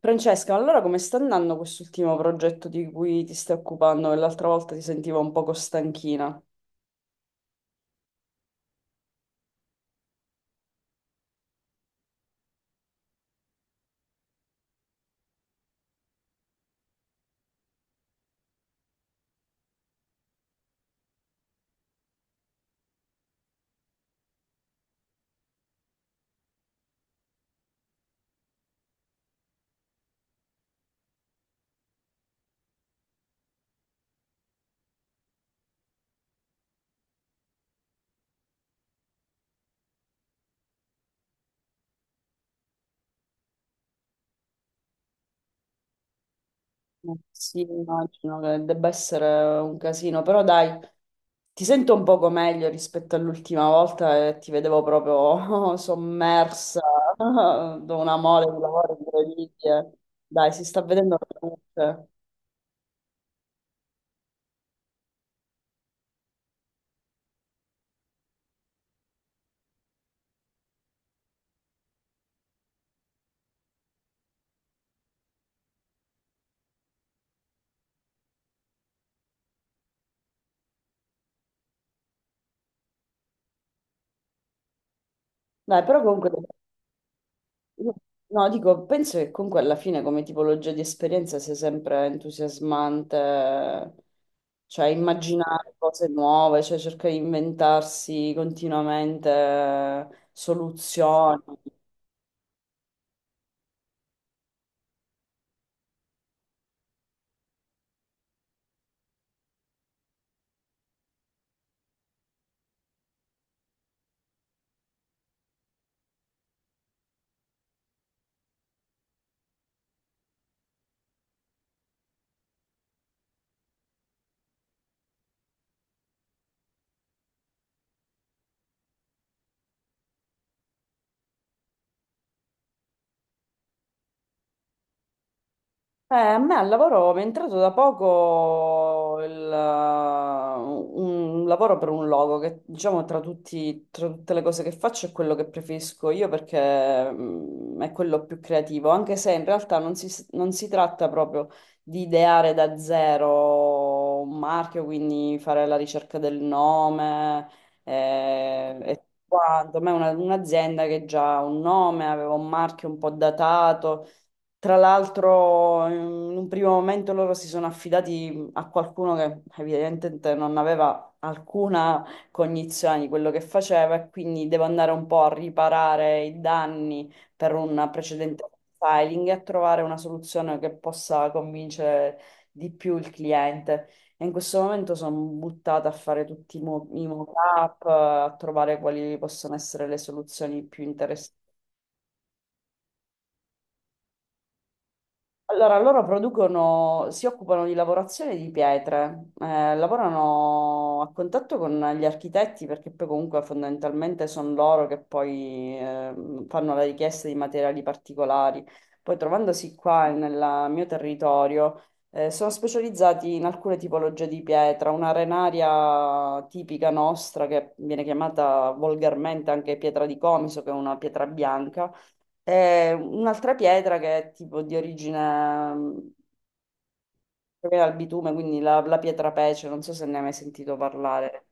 Francesca, allora come sta andando quest'ultimo progetto di cui ti stai occupando? Che l'altra volta ti sentivo un poco stanchina. Sì, immagino che debba essere un casino, però dai, ti sento un poco meglio rispetto all'ultima volta e ti vedevo proprio sommersa da una mole di lavoro incredibile. Dai, si sta vedendo la luce. Dai, però comunque. No, no, dico, penso che comunque alla fine come tipologia di esperienza sia sempre entusiasmante, cioè immaginare cose nuove, cioè cercare di inventarsi continuamente soluzioni. A me al lavoro mi è entrato da poco un lavoro per un logo che diciamo tra tutte le cose che faccio è quello che preferisco io perché è quello più creativo, anche se in realtà non si tratta proprio di ideare da zero un marchio, quindi fare la ricerca del nome e tutto quanto. A me è un'azienda che già ha un nome, aveva un marchio un po' datato. Tra l'altro, in un primo momento loro si sono affidati a qualcuno che evidentemente non aveva alcuna cognizione di quello che faceva e quindi devo andare un po' a riparare i danni per un precedente filing e a trovare una soluzione che possa convincere di più il cliente. E in questo momento sono buttata a fare tutti i mock-up, a trovare quali possono essere le soluzioni più interessanti. Allora, loro producono, si occupano di lavorazione di pietre, lavorano a contatto con gli architetti perché poi comunque fondamentalmente sono loro che poi fanno la richiesta di materiali particolari. Poi trovandosi qua nel mio territorio, sono specializzati in alcune tipologie di pietra, una arenaria tipica nostra che viene chiamata volgarmente anche pietra di Comiso, che è una pietra bianca e un'altra pietra che è tipo di origine mm, proviene dal bitume, quindi la pietra pece, non so se ne hai mai sentito parlare.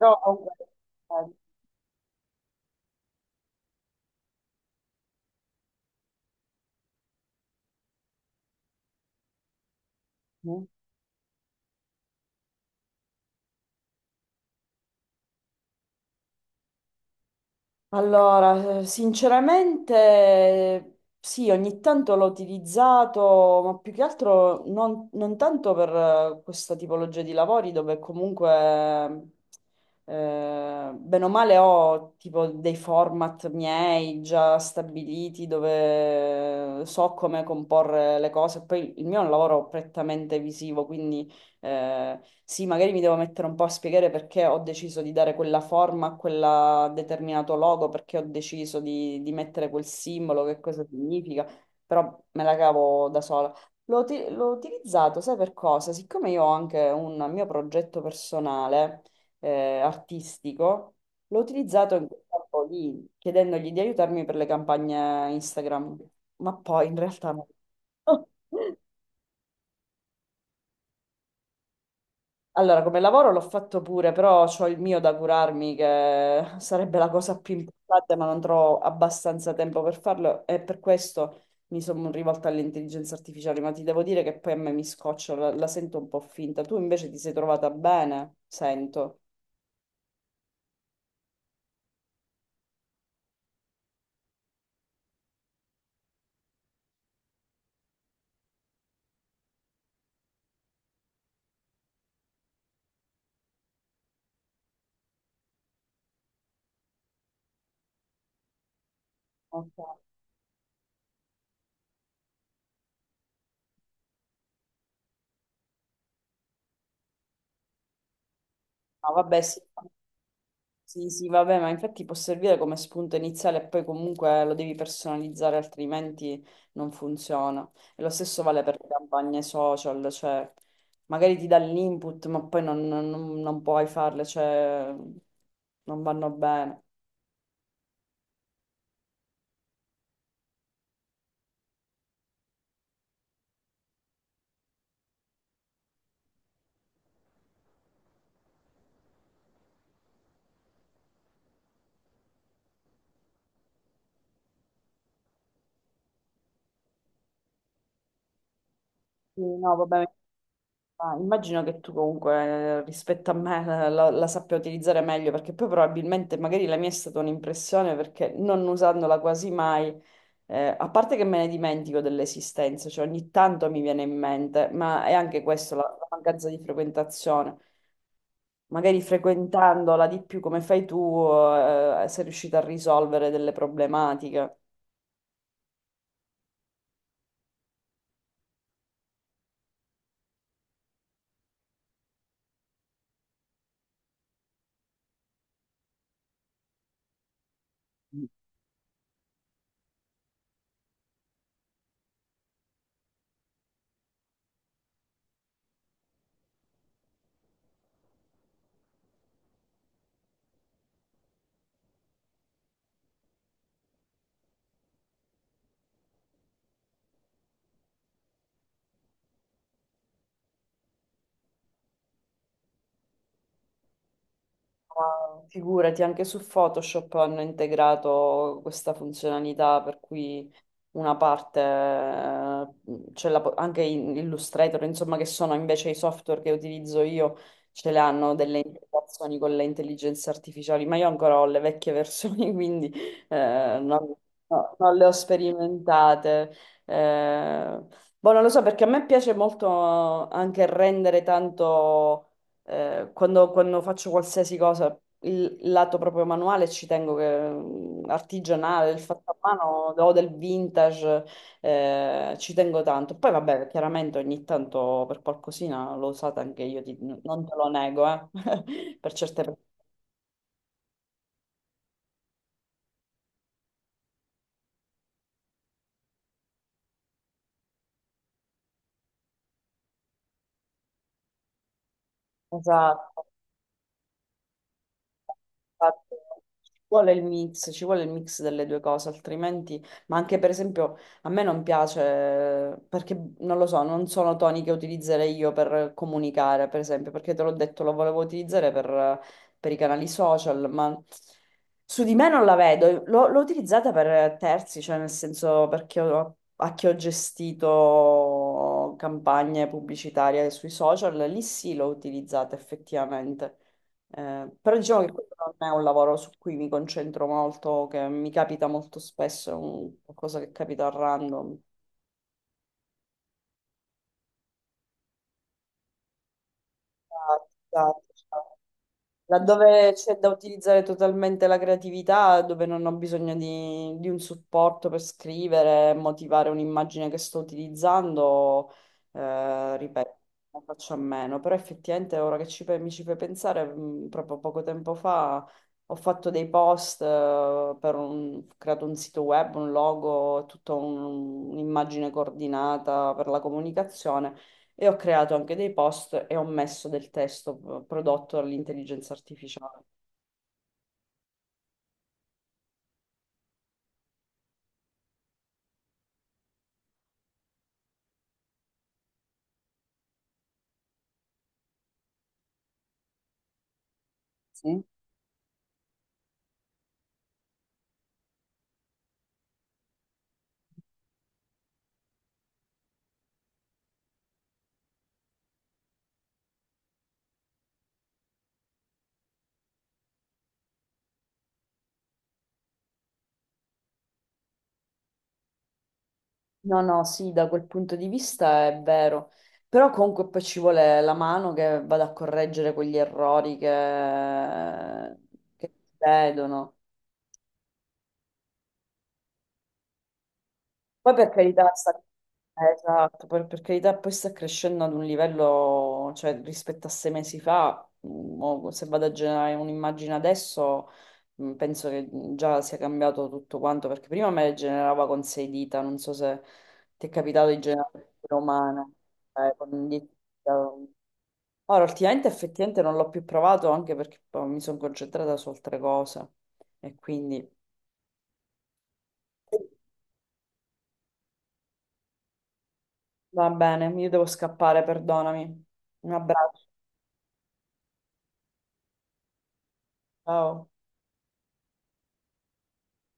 No, comunque. eh, Allora, sinceramente sì, ogni tanto l'ho utilizzato, ma più che altro non tanto per questa tipologia di lavori dove comunque, bene o male, ho tipo dei format miei già stabiliti dove so come comporre le cose. Poi il mio è un lavoro prettamente visivo, quindi sì, magari mi devo mettere un po' a spiegare perché ho deciso di dare quella forma a quel determinato logo, perché ho deciso di mettere quel simbolo, che cosa significa, però me la cavo da sola. L'ho utilizzato, sai per cosa? Siccome io ho anche un mio progetto personale, artistico, l'ho utilizzato in quel campo lì, chiedendogli di aiutarmi per le campagne Instagram, ma poi in realtà no. Allora, come lavoro l'ho fatto pure, però ho il mio da curarmi, che sarebbe la cosa più importante, ma non trovo abbastanza tempo per farlo e per questo mi sono rivolta all'intelligenza artificiale, ma ti devo dire che poi a me mi scoccia, la sento un po' finta. Tu invece ti sei trovata bene, sento. Ok. No, vabbè, sì. Sì, sì, vabbè, ma infatti può servire come spunto iniziale e poi comunque lo devi personalizzare, altrimenti non funziona. E lo stesso vale per le campagne social, cioè magari ti dà l'input, ma poi non puoi farle, cioè non vanno bene. Sì, no, vabbè, ma immagino che tu comunque rispetto a me la sappia utilizzare meglio, perché poi probabilmente magari la mia è stata un'impressione perché non usandola quasi mai. A parte che me ne dimentico dell'esistenza, cioè ogni tanto mi viene in mente, ma è anche questo, la mancanza di frequentazione. Magari frequentandola di più come fai tu, sei riuscita a risolvere delle problematiche. Ma figurati, anche su Photoshop hanno integrato questa funzionalità per cui una parte, anche in Illustrator, insomma, che sono invece i software che utilizzo io, ce le hanno delle integrazioni con le intelligenze artificiali, ma io ancora ho le vecchie versioni, quindi non, no, non le ho sperimentate. Eh, Boh, non lo so, perché a me piace molto anche rendere tanto quando faccio qualsiasi cosa, il lato proprio manuale ci tengo che artigianale, il fatto a mano o del vintage, ci tengo tanto. Poi vabbè, chiaramente ogni tanto per qualcosina l'ho usata anche io, non te lo nego, per certe persone. Esatto. Esatto. Ci vuole il mix, ci vuole il mix delle due cose, altrimenti, ma anche per esempio a me non piace perché non lo so, non sono toni che utilizzerei io per comunicare, per esempio, perché te l'ho detto, lo volevo utilizzare per i canali social, ma su di me non la vedo, l'ho utilizzata per terzi, cioè nel senso perché a chi ho gestito campagne pubblicitarie sui social, lì sì l'ho utilizzata effettivamente. Però diciamo che questo non è un lavoro su cui mi concentro molto, che mi capita molto spesso, è un qualcosa che capita a random. Ah, esatto. Laddove c'è da utilizzare totalmente la creatività, dove non ho bisogno di un supporto per scrivere, motivare un'immagine che sto utilizzando, ripeto, ne faccio a meno. Però effettivamente ora che mi ci fai pensare, proprio poco tempo fa ho fatto dei post, ho creato un sito web, un logo, tutta un'immagine coordinata per la comunicazione. E ho creato anche dei post e ho messo del testo prodotto dall'intelligenza artificiale. Sì. No, no, sì, da quel punto di vista è vero, però comunque poi ci vuole la mano che vada a correggere quegli errori che si vedono. Poi per carità, esatto, per carità, poi sta crescendo ad un livello, cioè rispetto a 6 mesi fa, o se vado a generare un'immagine adesso, penso che già sia cambiato tutto quanto, perché prima me le generava con sei dita, non so se ti è capitato di generare umano, con un dito. Ora, ultimamente effettivamente non l'ho più provato anche perché poi mi sono concentrata su altre cose e quindi... Va bene, io devo scappare, perdonami. Un abbraccio, ciao.